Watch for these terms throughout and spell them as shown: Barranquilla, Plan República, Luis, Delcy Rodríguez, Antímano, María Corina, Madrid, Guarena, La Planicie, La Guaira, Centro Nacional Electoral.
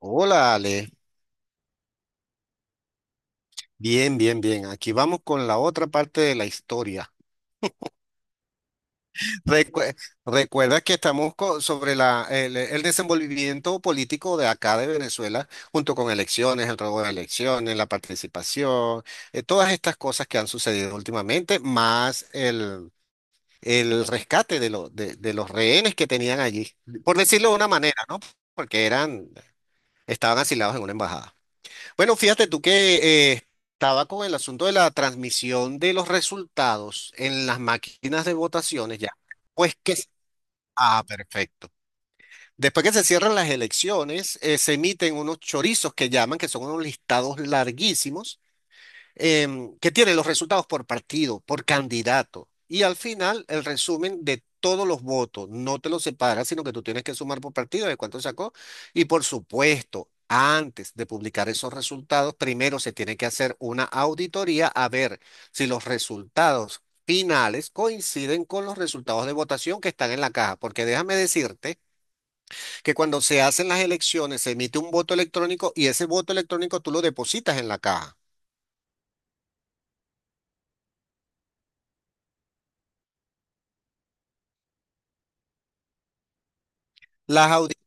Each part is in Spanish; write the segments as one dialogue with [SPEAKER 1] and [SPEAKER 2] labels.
[SPEAKER 1] Hola, Ale. Bien, bien, bien. Aquí vamos con la otra parte de la historia. Recue- Recuerda que estamos sobre el desenvolvimiento político de acá de Venezuela, junto con elecciones, el robo de elecciones, la participación, todas estas cosas que han sucedido últimamente, más el rescate de los rehenes que tenían allí, por decirlo de una manera, ¿no? Porque eran, estaban asilados en una embajada. Bueno, fíjate tú que estaba con el asunto de la transmisión de los resultados en las máquinas de votaciones ya. Pues que... Ah, perfecto. Después que se cierran las elecciones, se emiten unos chorizos que llaman, que son unos listados larguísimos, que tiene los resultados por partido, por candidato. Y al final, el resumen de todos los votos. No te los separa, sino que tú tienes que sumar por partido de cuánto sacó. Y por supuesto, antes de publicar esos resultados, primero se tiene que hacer una auditoría a ver si los resultados finales coinciden con los resultados de votación que están en la caja. Porque déjame decirte que cuando se hacen las elecciones, se emite un voto electrónico y ese voto electrónico tú lo depositas en la caja. Las auditorías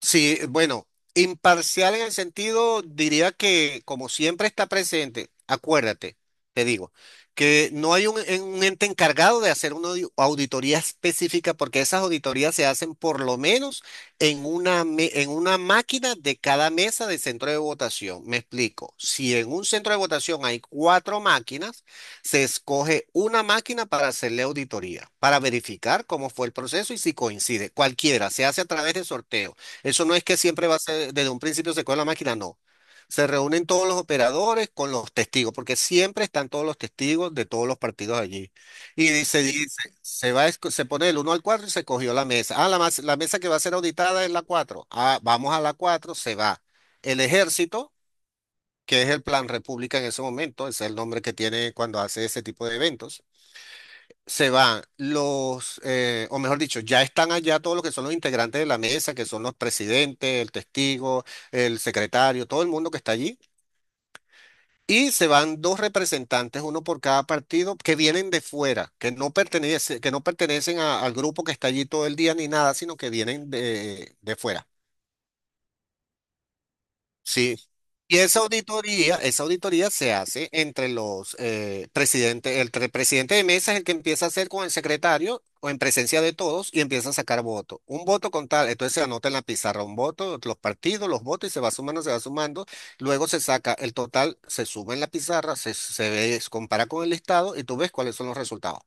[SPEAKER 1] Sí, bueno, imparcial en el sentido, diría que como siempre está presente, acuérdate, te digo, que no hay un ente encargado de hacer una auditoría específica porque esas auditorías se hacen por lo menos en en una máquina de cada mesa de centro de votación. Me explico, si en un centro de votación hay cuatro máquinas, se escoge una máquina para hacerle auditoría, para verificar cómo fue el proceso y si coincide. Cualquiera, se hace a través de sorteo. Eso no es que siempre va a ser, desde un principio se coge la máquina, no. Se reúnen todos los operadores con los testigos, porque siempre están todos los testigos de todos los partidos allí. Y se dice, se va, se pone el uno al 4 y se cogió la mesa. Ah, la mesa que va a ser auditada es la cuatro. Ah, vamos a la 4 se va. El ejército, que es el Plan República en ese momento, ese es el nombre que tiene cuando hace ese tipo de eventos, se van los, o mejor dicho, ya están allá todos los que son los integrantes de la mesa, que son los presidentes, el testigo, el secretario, todo el mundo que está allí. Y se van dos representantes, uno por cada partido, que vienen de fuera, que no pertenecen al grupo que está allí todo el día ni nada, sino que vienen de fuera. Sí. Y esa auditoría se hace entre los presidentes, presidente de mesa es el que empieza a hacer con el secretario o en presencia de todos y empieza a sacar votos. Un voto con tal, entonces se anota en la pizarra un voto, los partidos, los votos y se va sumando, se va sumando. Luego se saca el total, se suma en la pizarra, se ve, se compara con el listado y tú ves cuáles son los resultados.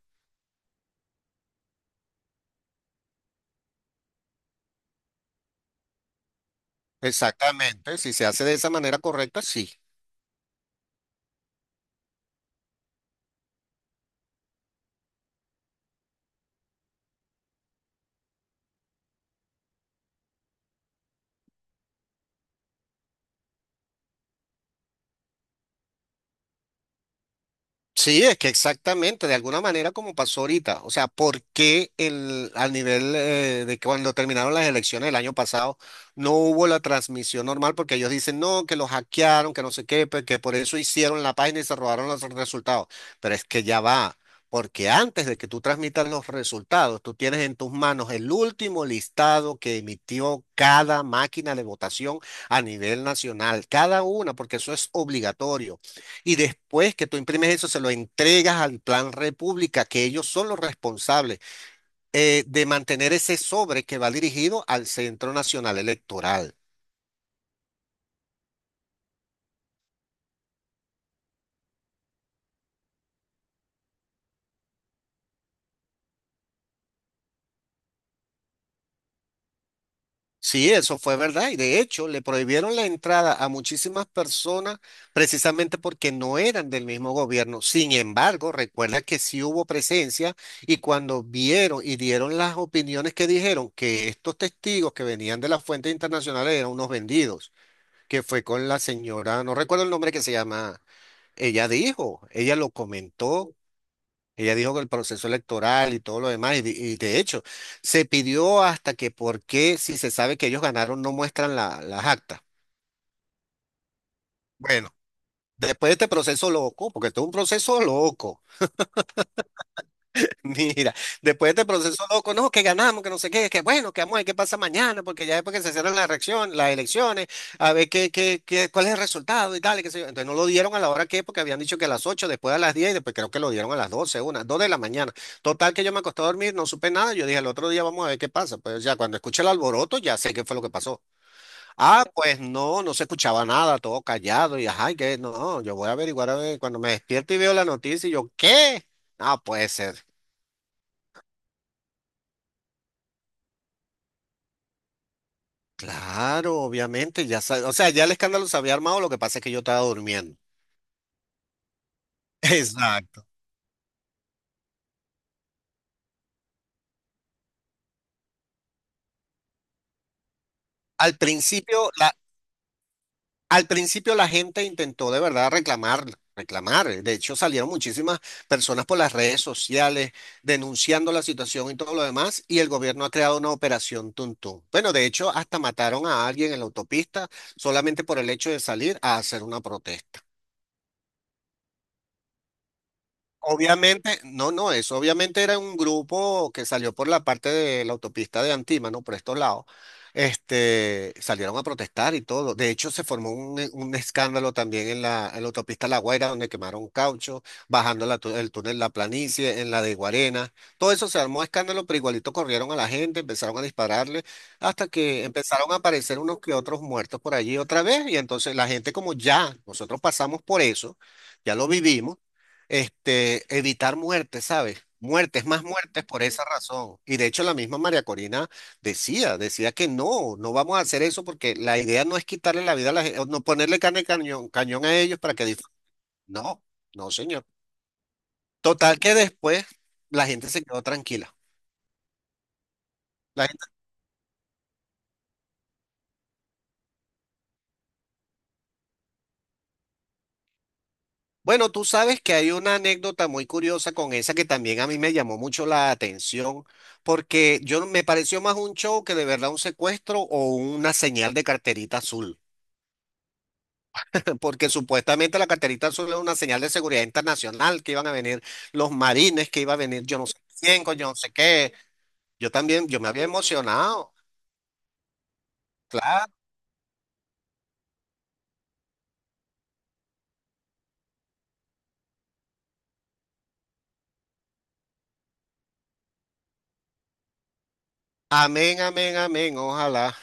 [SPEAKER 1] Exactamente, si se hace de esa manera correcta, sí. Sí, es que exactamente, de alguna manera como pasó ahorita. O sea, ¿por qué al nivel de que cuando terminaron las elecciones el año pasado no hubo la transmisión normal? Porque ellos dicen, no, que los hackearon, que no sé qué, pues, que por eso hicieron la página y se robaron los resultados. Pero es que ya va, porque antes de que tú transmitas los resultados, tú tienes en tus manos el último listado que emitió cada máquina de votación a nivel nacional, cada una, porque eso es obligatorio. Y después que tú imprimes eso, se lo entregas al Plan República, que ellos son los responsables de mantener ese sobre que va dirigido al Centro Nacional Electoral. Sí, eso fue verdad. Y de hecho, le prohibieron la entrada a muchísimas personas precisamente porque no eran del mismo gobierno. Sin embargo, recuerda que sí hubo presencia y cuando vieron y dieron las opiniones, que dijeron que estos testigos que venían de las fuentes internacionales eran unos vendidos. Que fue con la señora, no recuerdo el nombre que se llama, ella dijo, ella lo comentó, ella dijo que el proceso electoral y todo lo demás, y de hecho, se pidió hasta que por qué, si se sabe que ellos ganaron, no muestran las actas. Bueno, después de este proceso loco, porque esto es un proceso loco. Mira, después de este proceso loco, no, que ganamos, que no sé qué, que bueno, que vamos a ver qué pasa mañana, porque ya después que se cierran las elecciones, a ver qué, qué, qué, cuál es el resultado y tal, y qué sé yo. Entonces no lo dieron a la hora que, porque habían dicho que a las 8, después a las 10, y después creo que lo dieron a las 12, 1, 2 de la mañana. Total que yo me acosté a dormir, no supe nada, yo dije, el otro día vamos a ver qué pasa. Pues ya cuando escuché el alboroto, ya sé qué fue lo que pasó. Ah, pues no, no se escuchaba nada, todo callado, y ay, que no, yo voy a averiguar a ver, cuando me despierto y veo la noticia, y yo, ¿qué? No puede ser. Claro, obviamente, o sea, ya el escándalo se había armado, lo que pasa es que yo estaba durmiendo. Exacto. Al principio, la, Al principio la gente intentó de verdad reclamar, reclamar. De hecho, salieron muchísimas personas por las redes sociales denunciando la situación y todo lo demás, y el gobierno ha creado una operación Tuntún. Bueno, de hecho, hasta mataron a alguien en la autopista solamente por el hecho de salir a hacer una protesta. Obviamente, no, no, eso obviamente era un grupo que salió por la parte de la autopista de Antímano, por estos lados. Salieron a protestar y todo. De hecho, se formó un escándalo también en en la autopista La Guaira, donde quemaron caucho, bajando el túnel La Planicie, en la de Guarena. Todo eso se armó escándalo, pero igualito corrieron a la gente, empezaron a dispararle, hasta que empezaron a aparecer unos que otros muertos por allí otra vez. Y entonces la gente, como ya nosotros pasamos por eso, ya lo vivimos, evitar muertes, ¿sabes? Muertes, más muertes por esa razón. Y de hecho la misma María Corina decía que no, no vamos a hacer eso porque la idea no es quitarle la vida a la gente, no ponerle carne de cañón, cañón a ellos para que disfruten. No, no, señor. Total que después la gente se quedó tranquila. La gente- Bueno, tú sabes que hay una anécdota muy curiosa con esa que también a mí me llamó mucho la atención, porque yo me pareció más un show que de verdad un secuestro o una señal de carterita azul. Porque supuestamente la carterita azul es una señal de seguridad internacional, que iban a venir los marines, que iba a venir yo no sé quién, con yo no sé qué. Yo también, yo me había emocionado, claro. Amén, amén, amén, ojalá.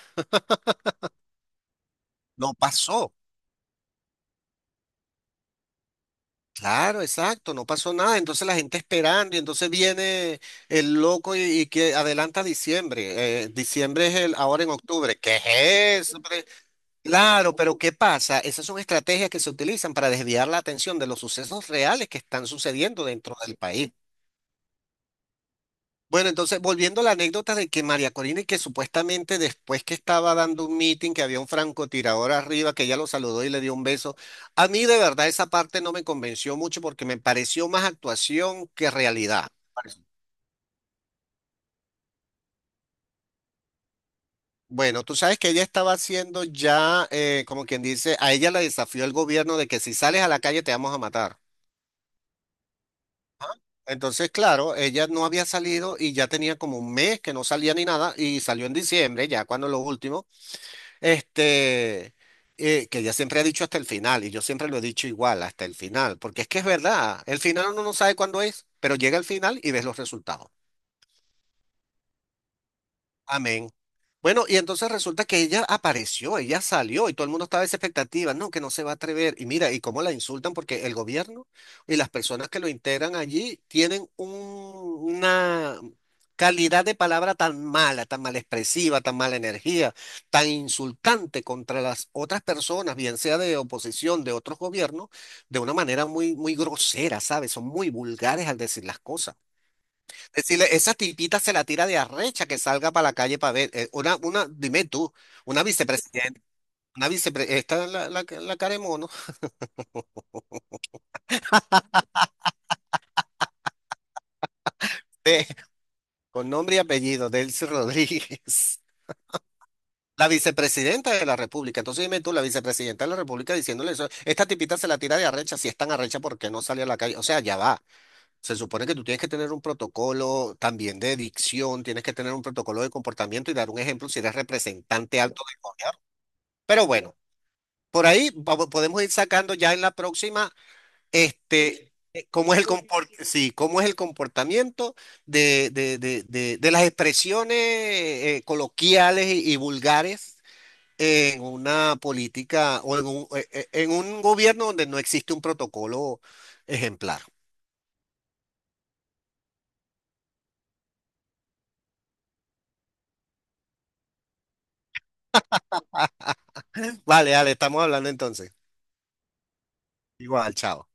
[SPEAKER 1] No pasó, claro, exacto, no pasó nada. Entonces la gente esperando y entonces viene el loco y que adelanta diciembre. Diciembre es el, ahora en octubre. ¿Qué es eso? Claro, pero ¿qué pasa? Esas son estrategias que se utilizan para desviar la atención de los sucesos reales que están sucediendo dentro del país. Bueno, entonces, volviendo a la anécdota de que María Corina, y que supuestamente después que estaba dando un meeting, que había un francotirador arriba, que ella lo saludó y le dio un beso, a mí de verdad esa parte no me convenció mucho porque me pareció más actuación que realidad. Bueno, tú sabes que ella estaba haciendo ya, como quien dice, a ella la desafió el gobierno de que si sales a la calle te vamos a matar. Entonces, claro, ella no había salido y ya tenía como un mes que no salía ni nada y salió en diciembre, ya cuando lo último, este, que ella siempre ha dicho hasta el final y yo siempre lo he dicho igual, hasta el final, porque es que es verdad, el final uno no sabe cuándo es, pero llega el final y ves los resultados. Amén. Bueno, y entonces resulta que ella apareció, ella salió y todo el mundo estaba en esa expectativa, no, que no se va a atrever. Y mira, y cómo la insultan porque el gobierno y las personas que lo integran allí tienen una calidad de palabra tan mala, tan mal expresiva, tan mala energía, tan insultante contra las otras personas, bien sea de oposición, de otros gobiernos, de una manera muy, muy grosera, ¿sabes? Son muy vulgares al decir las cosas. Decirle, esa tipita se la tira de arrecha que salga para la calle para ver. Dime tú, una vicepresidenta, una vicepresidenta, esta es la cara de mono, eh, con nombre y apellido, Delcy Rodríguez, la vicepresidenta de la República. Entonces dime tú, la vicepresidenta de la República diciéndole eso, esta tipita se la tira de arrecha, si es tan arrecha, ¿por qué no sale a la calle? O sea, ya va. Se supone que tú tienes que tener un protocolo también de dicción, tienes que tener un protocolo de comportamiento y dar un ejemplo si eres representante alto del gobierno. Pero bueno. Por ahí podemos ir sacando ya en la próxima, este, cómo es el comport- sí, cómo es el comportamiento de las expresiones coloquiales y vulgares en una política o en en un gobierno donde no existe un protocolo ejemplar. Vale, dale, estamos hablando entonces. Igual, chao.